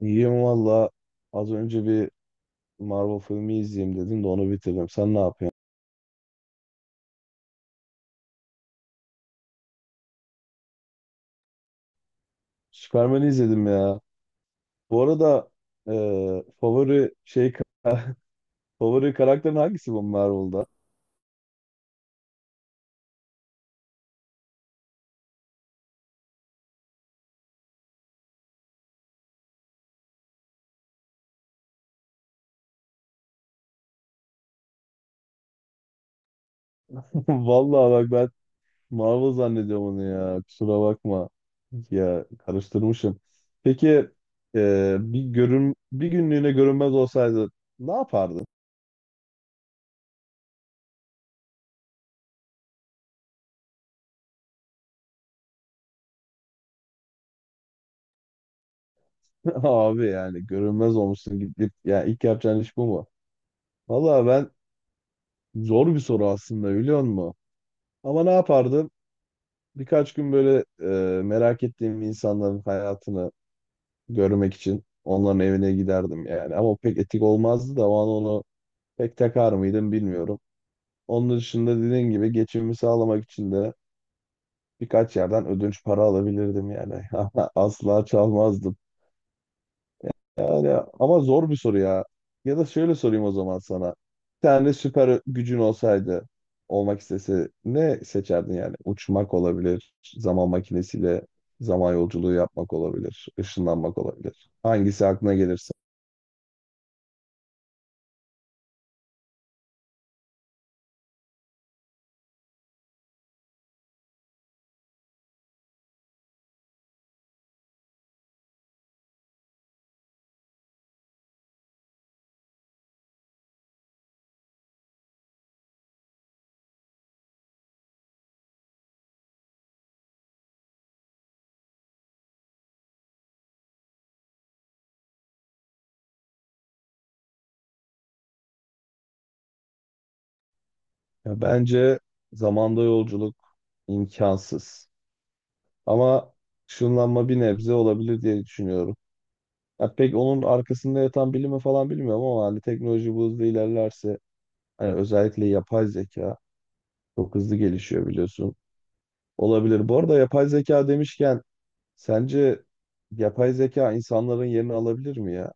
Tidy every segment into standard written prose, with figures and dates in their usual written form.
İyiyim valla. Az önce bir Marvel filmi izleyeyim dedim de onu bitirdim. Sen ne yapıyorsun? Superman'i izledim ya. Bu arada, e, favori şey favori karakterin hangisi bu Marvel'da? Vallahi bak, ben Marvel zannediyorum onu ya. Kusura bakma. Ya, karıştırmışım. Peki, bir günlüğüne görünmez olsaydı ne yapardın? Abi yani görünmez olmuşsun, gidip ya ilk yapacağın iş bu mu? Valla, zor bir soru aslında, biliyor musun? Ama ne yapardım? Birkaç gün böyle merak ettiğim insanların hayatını görmek için onların evine giderdim yani. Ama o pek etik olmazdı da o an onu pek takar mıydım bilmiyorum. Onun dışında, dediğin gibi, geçimimi sağlamak için de birkaç yerden ödünç para alabilirdim yani. Ama asla çalmazdım. Yani, ama zor bir soru ya. Ya da şöyle sorayım o zaman sana. Bir tane süper gücün olsaydı, olmak istese ne seçerdin yani? Uçmak olabilir, zaman makinesiyle zaman yolculuğu yapmak olabilir, ışınlanmak olabilir. Hangisi aklına gelirse. Ya bence zamanda yolculuk imkansız. Ama ışınlanma bir nebze olabilir diye düşünüyorum. Ya pek onun arkasında yatan bilimi falan bilmiyorum, ama hani teknoloji bu hızla ilerlerse, hani özellikle yapay zeka çok hızlı gelişiyor, biliyorsun. Olabilir. Bu arada, yapay zeka demişken, sence yapay zeka insanların yerini alabilir mi ya?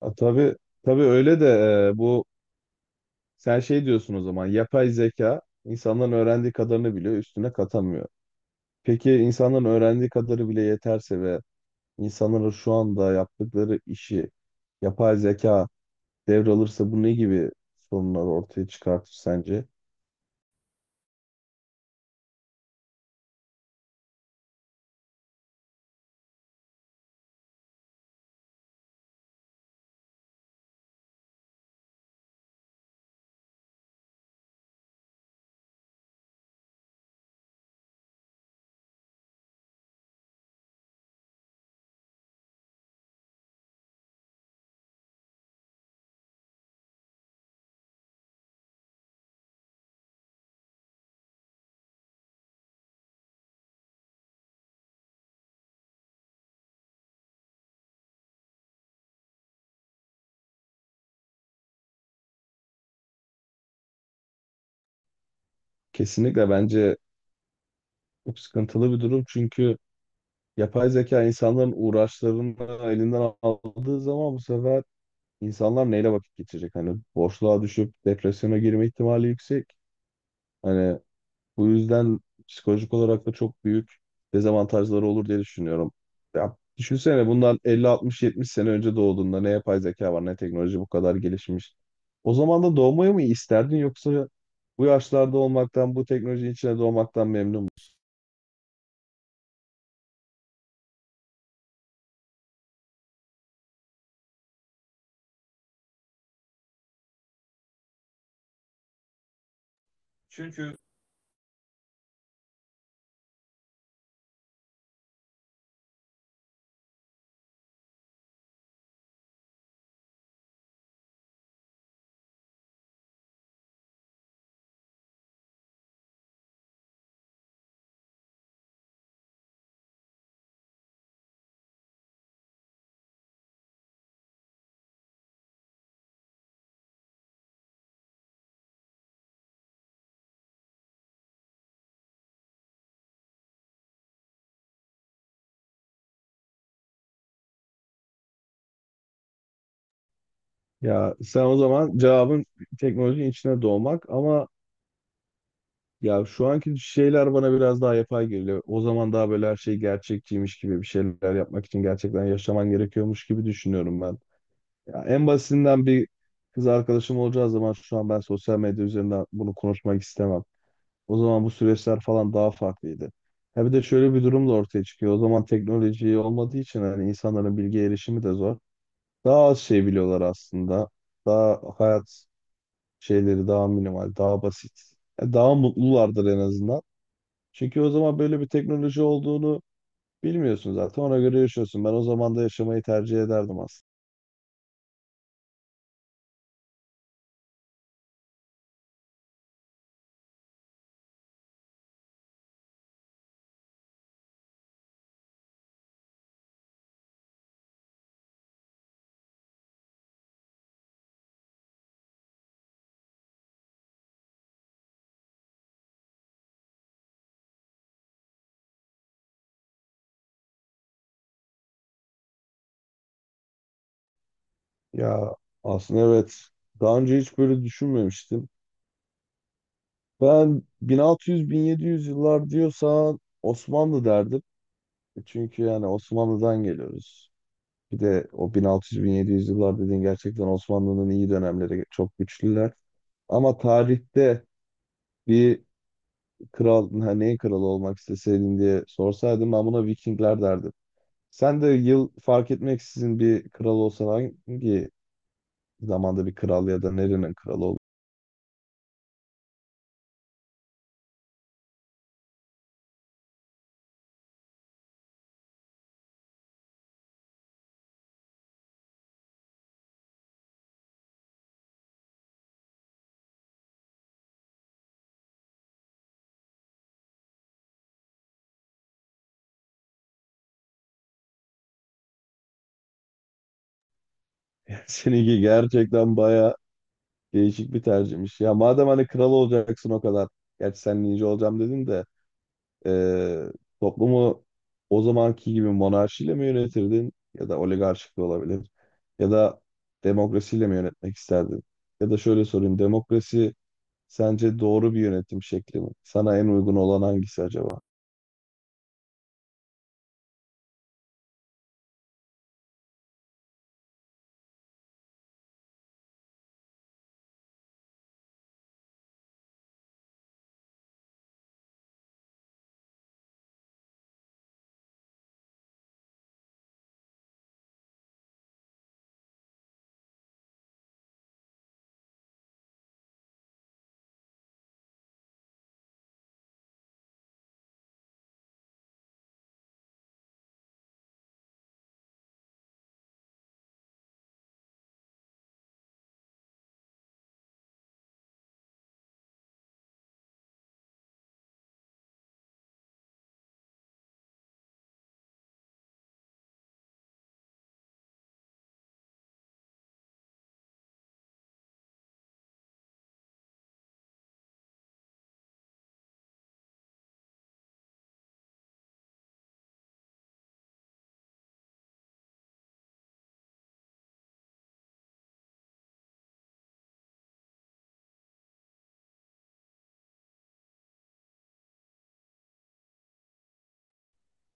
A, tabii tabii, öyle de e, bu sen şey diyorsun, o zaman yapay zeka insanların öğrendiği kadarını biliyor, üstüne katamıyor. Peki insanların öğrendiği kadarı bile yeterse ve insanların şu anda yaptıkları işi yapay zeka devralırsa, bu ne gibi sorunlar ortaya çıkartır sence? Kesinlikle, bence çok sıkıntılı bir durum, çünkü yapay zeka insanların uğraşlarını elinden aldığı zaman, bu sefer insanlar neyle vakit geçirecek? Hani boşluğa düşüp depresyona girme ihtimali yüksek. Hani bu yüzden psikolojik olarak da çok büyük dezavantajları olur diye düşünüyorum. Ya düşünsene, bundan 50-60-70 sene önce doğduğunda ne yapay zeka var ne teknoloji bu kadar gelişmiş. O zaman da doğmayı mı isterdin, yoksa bu yaşlarda olmaktan, bu teknolojinin içine doğmaktan memnun musun? Çünkü Ya sen, o zaman cevabın teknolojinin içine doğmak, ama ya şu anki şeyler bana biraz daha yapay geliyor. O zaman daha böyle her şey gerçekçiymiş gibi, bir şeyler yapmak için gerçekten yaşaman gerekiyormuş gibi düşünüyorum ben. Ya en basitinden, bir kız arkadaşım olacağı zaman şu an ben sosyal medya üzerinden bunu konuşmak istemem. O zaman bu süreçler falan daha farklıydı. Ha, bir de şöyle bir durum da ortaya çıkıyor. O zaman teknoloji olmadığı için hani insanların bilgi erişimi de zor. Daha az şey biliyorlar aslında. Daha hayat şeyleri daha minimal, daha basit. Ya, daha mutlulardır en azından. Çünkü o zaman böyle bir teknoloji olduğunu bilmiyorsun zaten. Ona göre yaşıyorsun. Ben o zaman da yaşamayı tercih ederdim aslında. Ya, aslında evet. Daha önce hiç böyle düşünmemiştim. Ben 1600-1700 yıllar diyorsan Osmanlı derdim. E, çünkü yani Osmanlı'dan geliyoruz. Bir de o 1600-1700 yıllar dediğin gerçekten Osmanlı'nın iyi dönemleri, çok güçlüler. Ama tarihte bir kral, ha, neyin kralı olmak isteseydin diye sorsaydım, ben buna Vikingler derdim. Sen de yıl fark etmeksizin bir kral olsan, hangi zamanda bir kral ya da nerenin kralı olur? Seninki gerçekten baya değişik bir tercihmiş. Ya madem hani kral olacaksın o kadar. Gerçi sen ninja olacağım dedin de eee, toplumu o zamanki gibi monarşiyle mi yönetirdin? Ya da oligarşik de olabilir. Ya da demokrasiyle mi yönetmek isterdin? Ya da şöyle sorayım. Demokrasi sence doğru bir yönetim şekli mi? Sana en uygun olan hangisi acaba?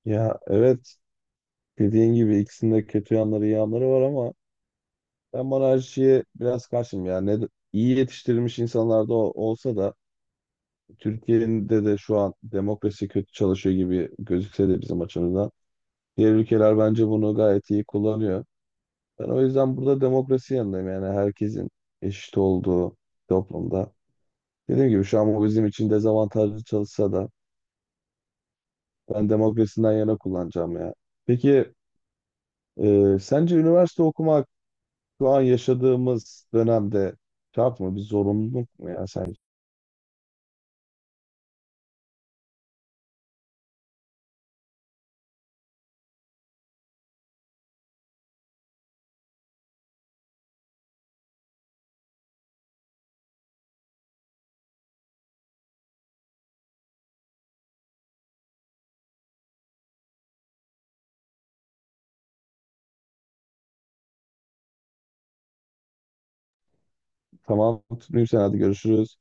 Ya evet, dediğin gibi ikisinde kötü yanları, iyi yanları var, ama ben monarşiye biraz karşıyım ya. Ne, iyi yetiştirilmiş insanlar da olsa da, Türkiye'de de şu an demokrasi kötü çalışıyor gibi gözükse de bizim açımızdan. Diğer ülkeler bence bunu gayet iyi kullanıyor. Ben o yüzden burada demokrasi yanındayım, yani herkesin eşit olduğu toplumda. Dediğim gibi şu an bu bizim için dezavantajlı çalışsa da, ben demokrasiden yana kullanacağım ya. Peki, sence üniversite okumak şu an yaşadığımız dönemde şart mı? Bir zorunluluk mu ya sence? Tamam, tutmayayım, sen hadi görüşürüz.